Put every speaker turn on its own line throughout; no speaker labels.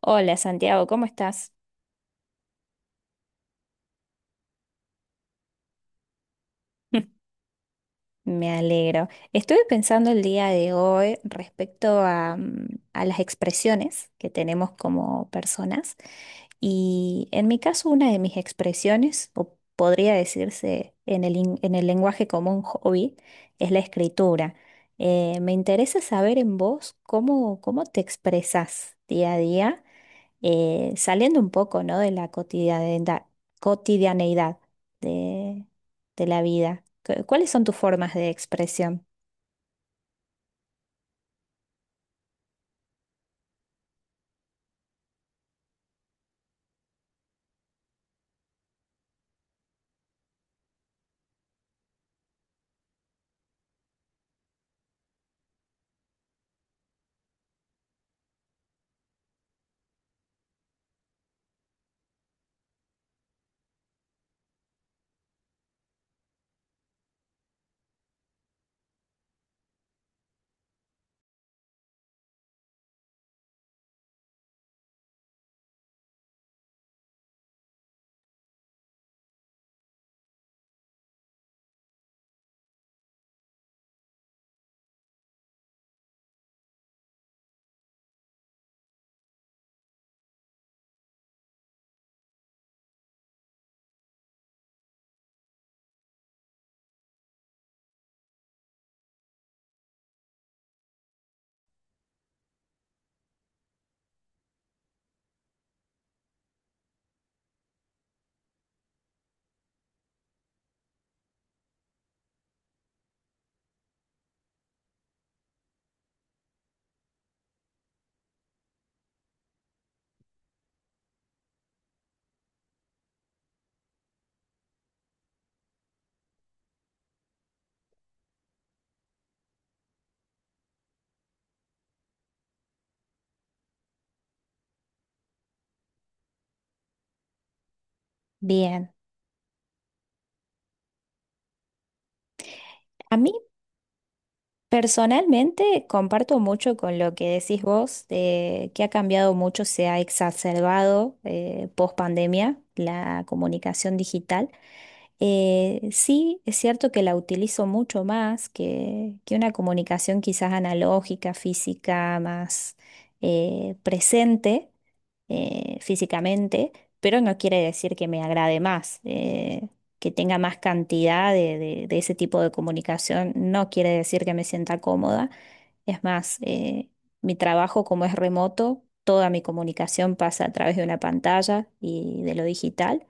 Hola Santiago, ¿cómo estás? Me alegro. Estuve pensando el día de hoy respecto a, a las expresiones que tenemos como personas, y en mi caso una de mis expresiones, o podría decirse en el, en el lenguaje común, hobby, es la escritura. Me interesa saber en vos cómo, cómo te expresas día a día, saliendo un poco, ¿no?, de la cotidianeidad, cotidianeidad de, de la vida. ¿Cuáles son tus formas de expresión? Bien. A mí, personalmente, comparto mucho con lo que decís vos, de que ha cambiado mucho, se ha exacerbado, post pandemia, la comunicación digital. Sí, es cierto que la utilizo mucho más que una comunicación quizás analógica, física, más, presente físicamente, pero no quiere decir que me agrade más, que tenga más cantidad de, de ese tipo de comunicación, no quiere decir que me sienta cómoda. Es más, mi trabajo, como es remoto, toda mi comunicación pasa a través de una pantalla y de lo digital,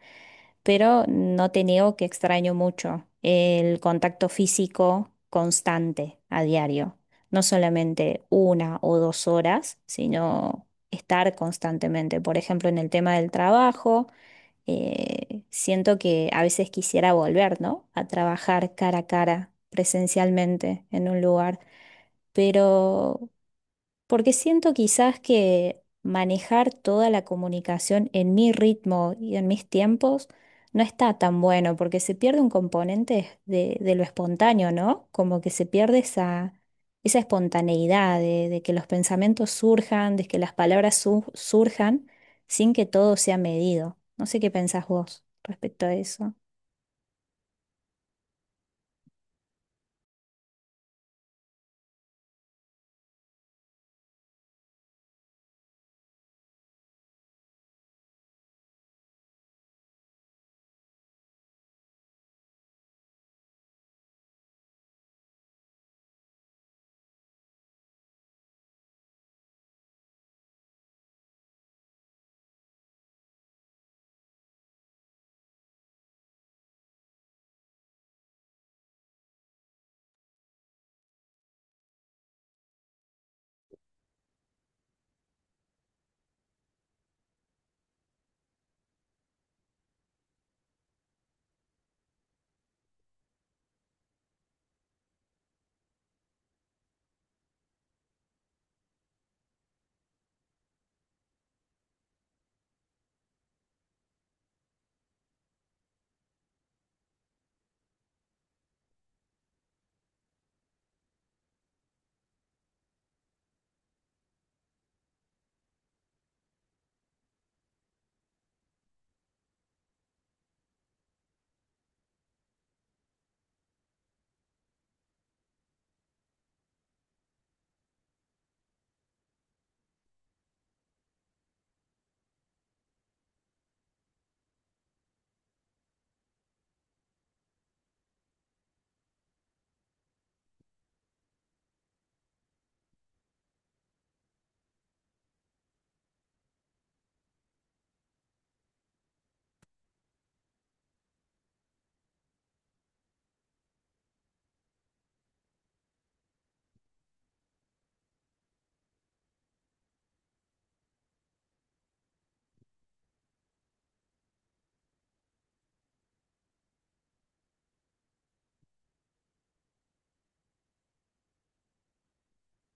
pero no te niego que extraño mucho el contacto físico constante a diario. No solamente una o dos horas, sino estar constantemente. Por ejemplo, en el tema del trabajo, siento que a veces quisiera volver, ¿no?, a trabajar cara a cara, presencialmente, en un lugar. Pero, porque siento quizás que manejar toda la comunicación en mi ritmo y en mis tiempos no está tan bueno, porque se pierde un componente de lo espontáneo, ¿no? Como que se pierde esa, esa espontaneidad de que los pensamientos surjan, de que las palabras surjan sin que todo sea medido. No sé qué pensás vos respecto a eso.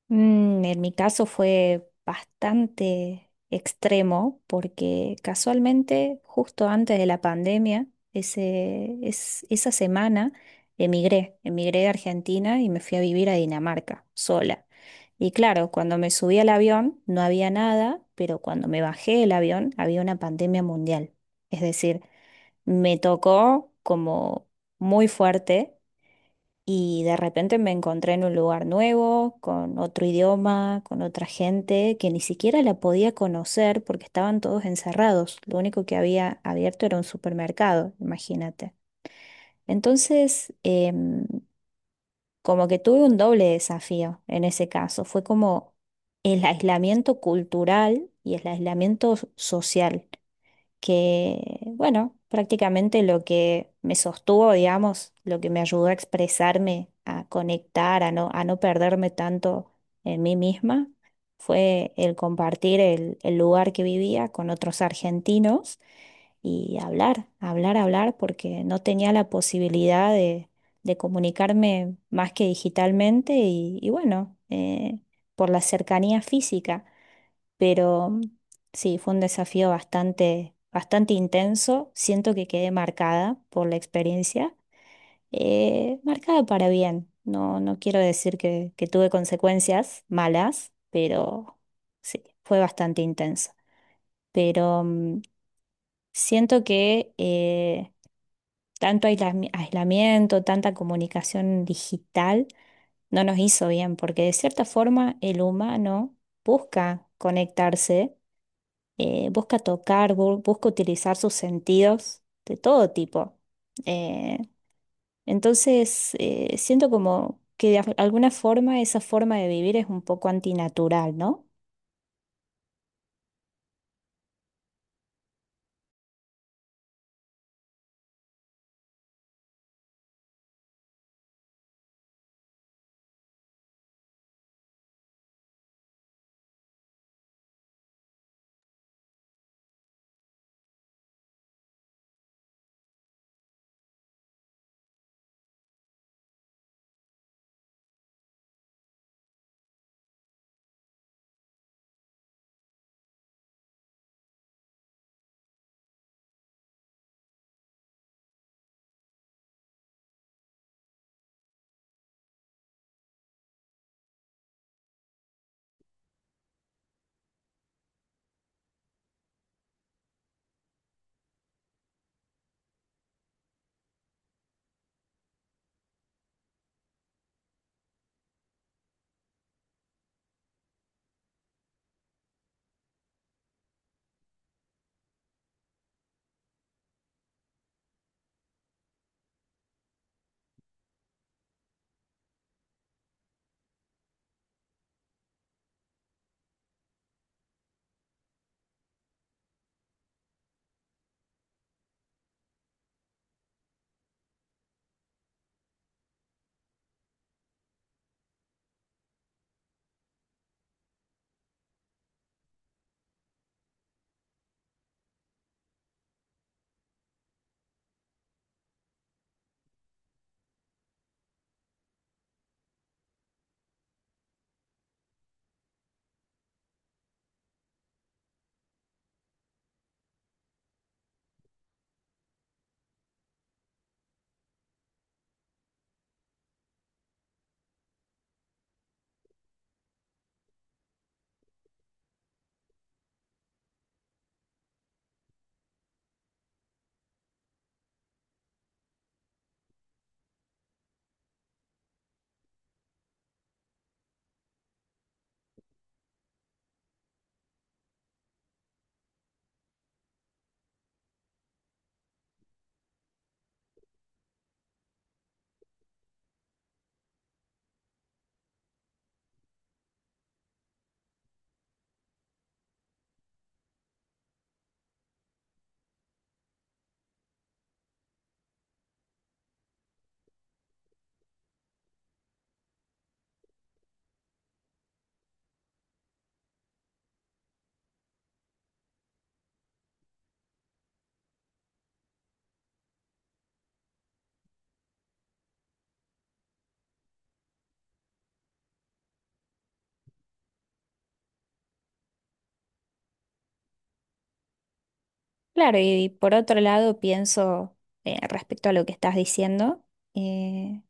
En mi caso fue bastante extremo porque, casualmente, justo antes de la pandemia, ese, es, esa semana emigré, emigré de Argentina y me fui a vivir a Dinamarca sola. Y claro, cuando me subí al avión no había nada, pero cuando me bajé del avión había una pandemia mundial. Es decir, me tocó como muy fuerte y de repente me encontré en un lugar nuevo, con otro idioma, con otra gente que ni siquiera la podía conocer porque estaban todos encerrados. Lo único que había abierto era un supermercado, imagínate. Entonces, como que tuve un doble desafío en ese caso. Fue como el aislamiento cultural y el aislamiento social que, bueno, prácticamente lo que me sostuvo, digamos, lo que me ayudó a expresarme, a conectar, a no perderme tanto en mí misma, fue el compartir el lugar que vivía con otros argentinos y hablar, hablar, hablar, porque no tenía la posibilidad de comunicarme más que digitalmente y bueno, por la cercanía física. Pero sí, fue un desafío bastante, bastante intenso. Siento que quedé marcada por la experiencia, marcada para bien. No, no quiero decir que tuve consecuencias malas, pero sí, fue bastante intenso. Pero siento que tanto aislamiento, tanta comunicación digital, no nos hizo bien, porque de cierta forma el humano busca conectarse, busca tocar, busca utilizar sus sentidos de todo tipo. Eh, entonces, siento como que de alguna forma esa forma de vivir es un poco antinatural, ¿no? Claro, y por otro lado pienso, respecto a lo que estás diciendo. eh,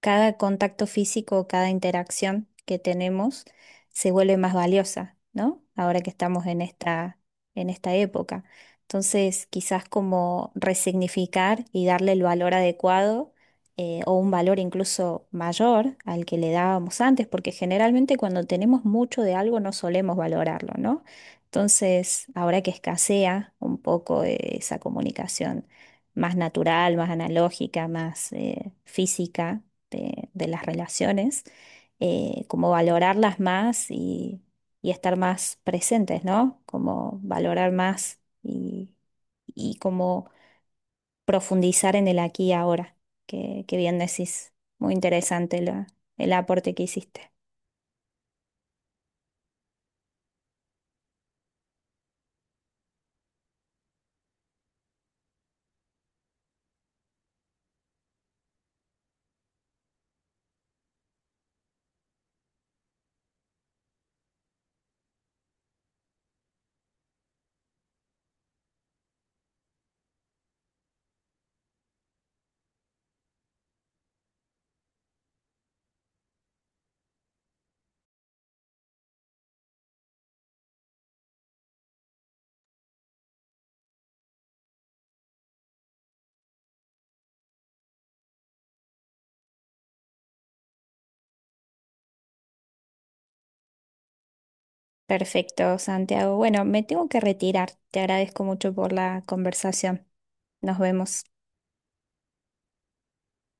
Cada contacto físico, cada interacción que tenemos se vuelve más valiosa, ¿no? Ahora que estamos en esta época. Entonces, quizás como resignificar y darle el valor adecuado, o un valor incluso mayor al que le dábamos antes, porque generalmente cuando tenemos mucho de algo no solemos valorarlo, ¿no? Entonces, ahora que escasea un poco, esa comunicación más natural, más analógica, más, física, de las relaciones, como valorarlas más y estar más presentes, ¿no? Como valorar más y como profundizar en el aquí y ahora, que bien decís. Muy interesante el aporte que hiciste. Perfecto, Santiago. Bueno, me tengo que retirar. Te agradezco mucho por la conversación. Nos vemos.